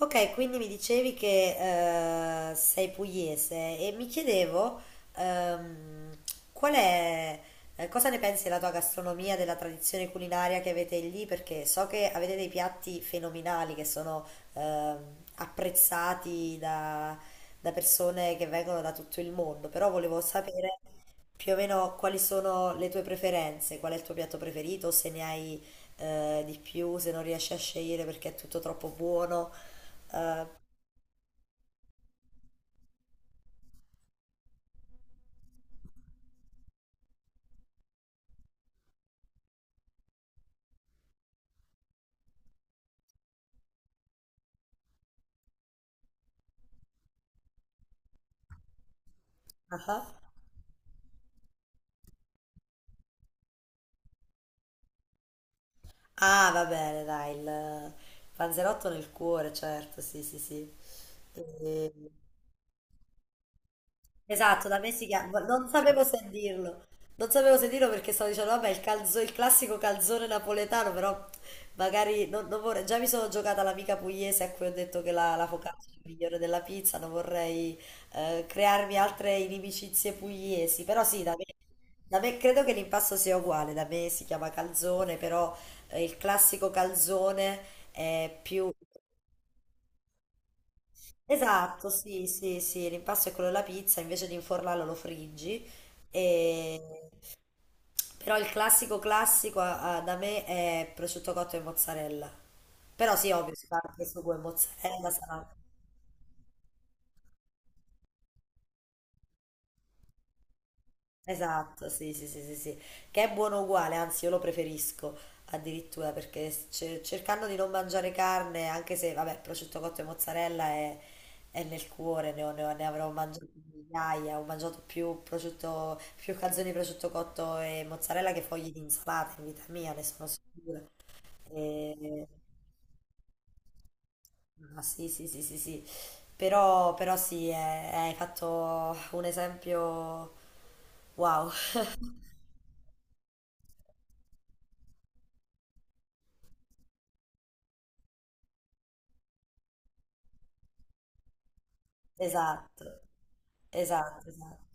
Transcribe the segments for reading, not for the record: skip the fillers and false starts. Ok, quindi mi dicevi che sei pugliese e mi chiedevo ehm, qual è, cosa ne pensi della tua gastronomia, della tradizione culinaria che avete lì, perché so che avete dei piatti fenomenali che sono ehm, apprezzati da, da persone che vengono da tutto il mondo, però volevo sapere più o meno quali sono le tue preferenze, qual è il tuo piatto preferito, se ne hai di più, se non riesci a scegliere perché è tutto troppo buono. Eh, ah, ah, va bene, dai, il panzerotto nel cuore, certo, sì, sì, sì. E- Esatto, da me si chiama, non sapevo se dirlo, non sapevo se dirlo perché stavo dicendo, vabbè, il, il classico calzone napoletano, però magari non vorrei, già mi sono giocata l'amica pugliese a cui ho detto che la, la focaccia è migliore della pizza, non vorrei crearmi altre inimicizie pugliesi, però sì, da me credo che l'impasto sia uguale, da me si chiama calzone, però il classico calzone è più... Esatto, sì, sì, sì, l'impasto è quello della pizza, invece di infornarlo lo friggi. E... Però il classico classico da me è prosciutto cotto e mozzarella. Però sì, ovvio, si parte su due mozzarella, sarà esatto, sì, sì, sì, sì, sì, che è buono uguale, anzi io lo preferisco addirittura perché cercando di non mangiare carne, anche se vabbè, prosciutto cotto e mozzarella è nel cuore, ne avrò mangiato migliaia, ho mangiato più prosciutto, più calzoni di prosciutto cotto e mozzarella che fogli di insalata in vita mia, ne sono sicura. E... Ma sì, sì, sì, sì, sì. Però sì, hai fatto un esempio wow. Esatto, esatto, esatto.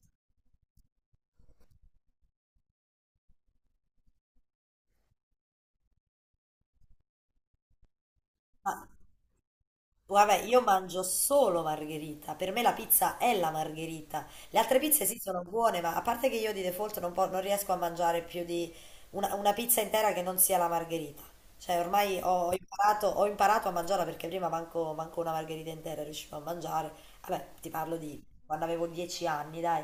Ma guarda, io mangio solo margherita. Per me la pizza è la margherita. Le altre pizze sì sono buone, ma a parte che io di default non riesco a mangiare più di una pizza intera che non sia la margherita. Cioè, ormai ho imparato, ho imparato a mangiarla perché prima manco una margherita intera riuscivo a mangiare. Vabbè, ti parlo di quando avevo 10 anni, dai.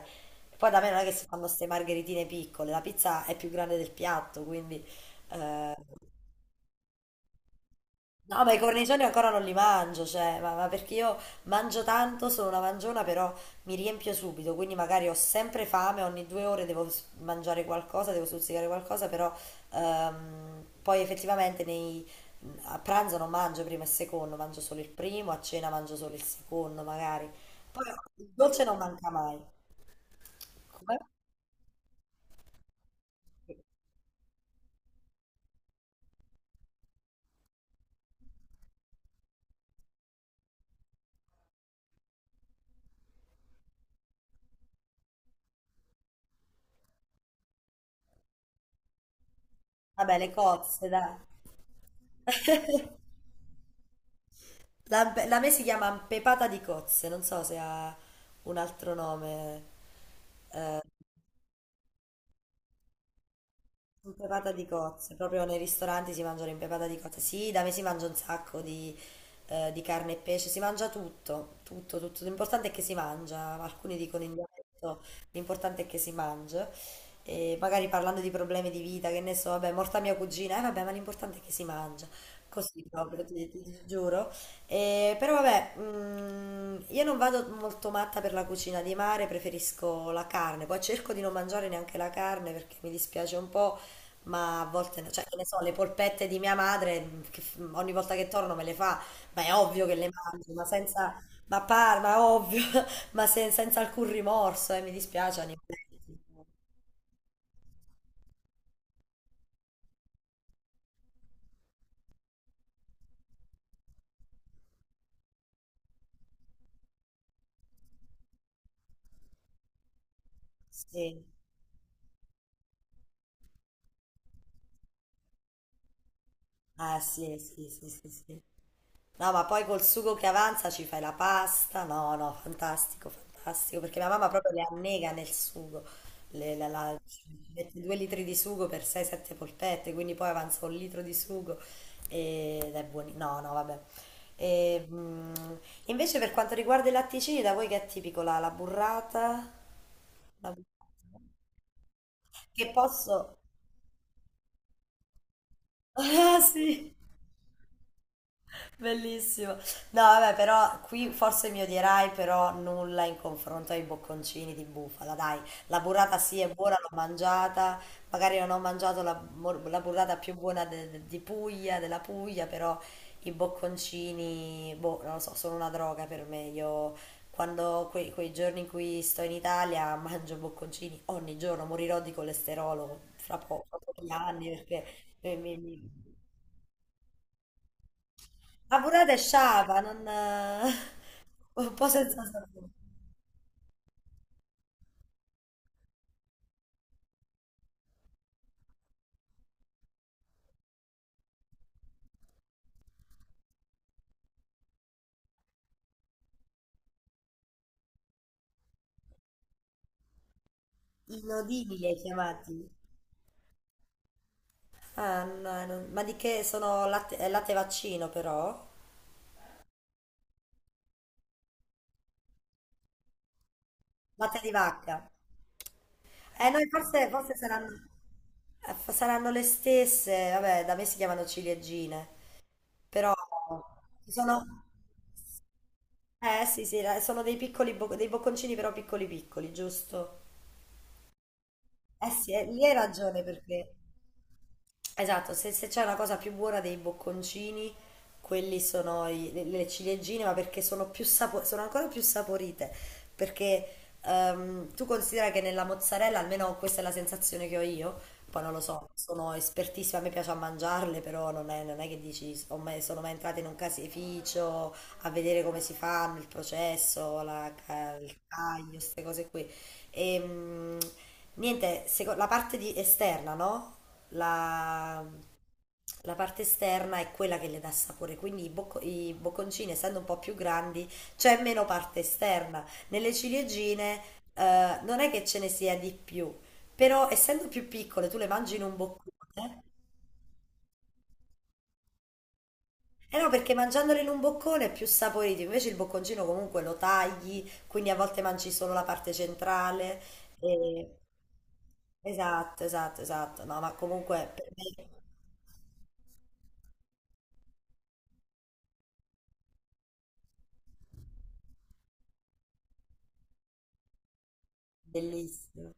Poi da me non è che si fanno queste margheritine piccole, la pizza è più grande del piatto, quindi... eh, No, ma i cornicioni ancora non li mangio, cioè, ma perché io mangio tanto, sono una mangiona, però mi riempio subito, quindi magari ho sempre fame, ogni due ore mangiare qualcosa, devo stuzzicare qualcosa, però poi effettivamente a pranzo non mangio primo e secondo, mangio solo il primo, a cena mangio solo il secondo magari. Poi il dolce non manca mai. Come? Vabbè, le cozze, dai. La, la me si chiama pepata di cozze, non so se ha un altro nome. eh. Impepata di cozze, proprio nei ristoranti si mangia l'impepata di cozze. Sì, da me si mangia un sacco di carne e pesce, si mangia tutto, tutto, tutto. L'importante è che si mangia, alcuni dicono in dialetto, l'importante è che si mangi. E magari parlando di problemi di vita, che ne so, vabbè, morta mia cugina, eh vabbè, ma l'importante è che si mangia. Così proprio, ti giuro. E, però vabbè, io non vado molto matta per la cucina di mare, preferisco la carne, poi cerco di non mangiare neanche la carne perché mi dispiace un po'. Ma a volte, no. Cioè, che ne so, le polpette di mia madre, ogni volta che torno me le fa, ma è ovvio che le mangio, ma senza, ma ovvio, ma senza alcun rimorso, mi dispiace, animaletti. Sì, ah sì, sì, sì, sì, sì. No, ma poi col sugo che avanza ci fai la pasta. No, no, fantastico, fantastico, perché mia mamma proprio le annega nel sugo. Ci mette due litri di sugo per 6-7 polpette, quindi poi avanza un litro di sugo ed è buono. No, no, vabbè. E, mm, invece per quanto riguarda i latticini, da voi che è tipico la burrata? La burrata? Che posso... Ah, sì. Bellissimo. No, vabbè, però qui forse mi odierai, però nulla in confronto ai bocconcini di bufala, dai. La burrata sì è buona, l'ho mangiata, magari non ho mangiato la burrata più buona di Puglia, della Puglia, però i bocconcini, boh, non lo so, sono una droga per me. Io quando quei giorni in cui sto in Italia mangio bocconcini ogni giorno, morirò di colesterolo fra pochi anni perché mi, mi- mi- ma pure te sciava, non... un po' senza sapore. Inodibili hai chiamati. Ah, no, ma di che sono latte, latte vaccino però? Latte di vacca. Noi forse saranno, saranno le stesse, vabbè, da me si chiamano ciliegine, però sono... Eh sì, sì, sono dei dei bocconcini però piccoli piccoli, giusto? Eh sì, lì hai ragione perché... Esatto, se c'è una cosa più buona dei bocconcini, quelli sono le ciliegine, ma perché sono più sono ancora più saporite, perché tu considera che nella mozzarella, almeno questa è la sensazione che ho io, poi non lo so, sono espertissima, a me piace a mangiarle, però non è che dici, ho mai- sono mai entrata in un caseificio a vedere come si fanno, il processo, il caglio, queste cose qui. E, mm, niente, la parte esterna, no? la, la parte esterna è quella che le dà sapore, quindi i bocconcini, essendo un po' più grandi, c'è meno parte esterna. Nelle ciliegine, non è che ce ne sia di più, però essendo più piccole, tu le mangi in un boccone. Eh no, perché mangiandole in un boccone è più saporito, invece il bocconcino comunque lo tagli, quindi a volte mangi solo la parte centrale. E... Esatto, esatto, esatto. No, ma comunque per me è bellissimo.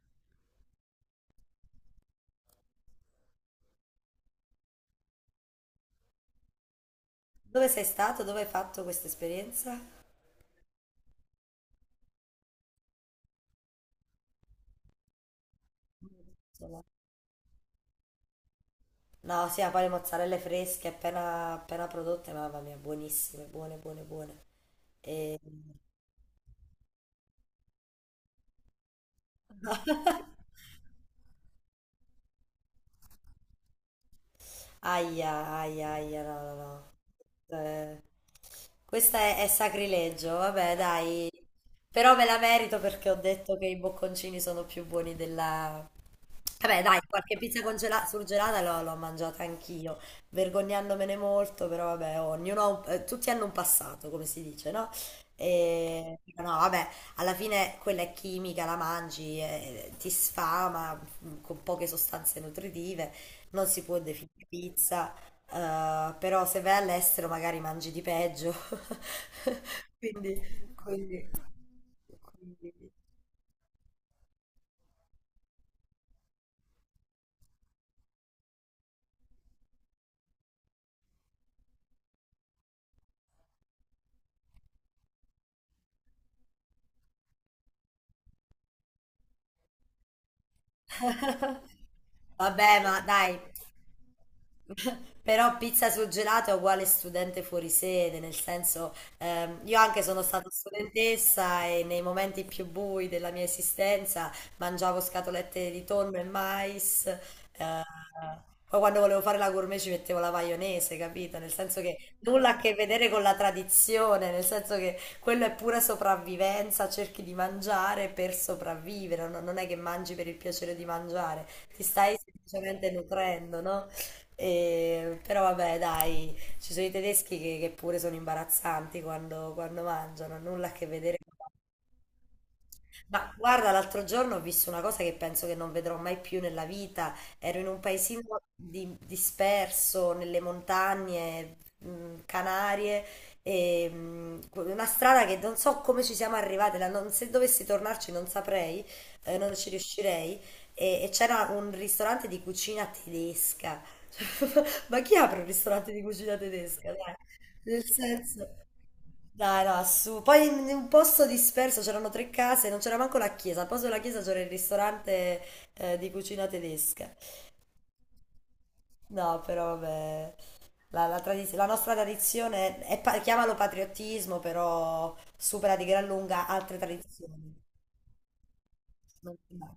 Dove sei stato? Dove hai fatto questa esperienza? No, sì, a fare mozzarelle fresche appena, appena prodotte, mamma mia, buonissime, buone, buone, buone. E... Aia, aia, aia, no, no, no. Eh, è sacrilegio, vabbè, dai. Però me la merito perché ho detto che i bocconcini sono più buoni della, vabbè, dai, qualche surgelata l'ho mangiata anch'io, vergognandomene molto, però vabbè, ognuno ha tutti hanno un passato, come si dice, no? E, no, vabbè, alla fine quella è chimica, la mangi, ti sfama, con poche sostanze nutritive, non si può definire pizza, però se vai all'estero magari mangi di peggio. Quindi, quindi, quindi vabbè, ma dai, però pizza sul gelato è uguale studente fuori sede, nel senso, io anche sono stata studentessa e nei momenti più bui della mia esistenza mangiavo scatolette di tonno e mais, poi quando volevo fare la gourmet ci mettevo la maionese, capito? Nel senso che nulla a che vedere con la tradizione, nel senso che quello è pura sopravvivenza, cerchi di mangiare per sopravvivere, non è che mangi per il piacere di mangiare, ti stai semplicemente nutrendo, no? Però vabbè, dai, ci sono i tedeschi che pure sono imbarazzanti quando mangiano, nulla a che vedere ma guarda, l'altro giorno ho visto una cosa che penso che non vedrò mai più nella vita. Ero in un paesino disperso nelle montagne Canarie, una strada che non so come ci siamo arrivati, se dovessi tornarci non saprei, non ci riuscirei. E c'era un ristorante di cucina tedesca. Ma chi apre un ristorante di cucina tedesca? Dai. Nel senso, dai, no, su. Poi in un posto disperso c'erano tre case, non c'era manco la chiesa. Al posto della chiesa c'era il ristorante di cucina tedesca. No, però vabbè, la nostra tradizione è, chiamalo patriottismo, però supera di gran lunga altre tradizioni. Non- no.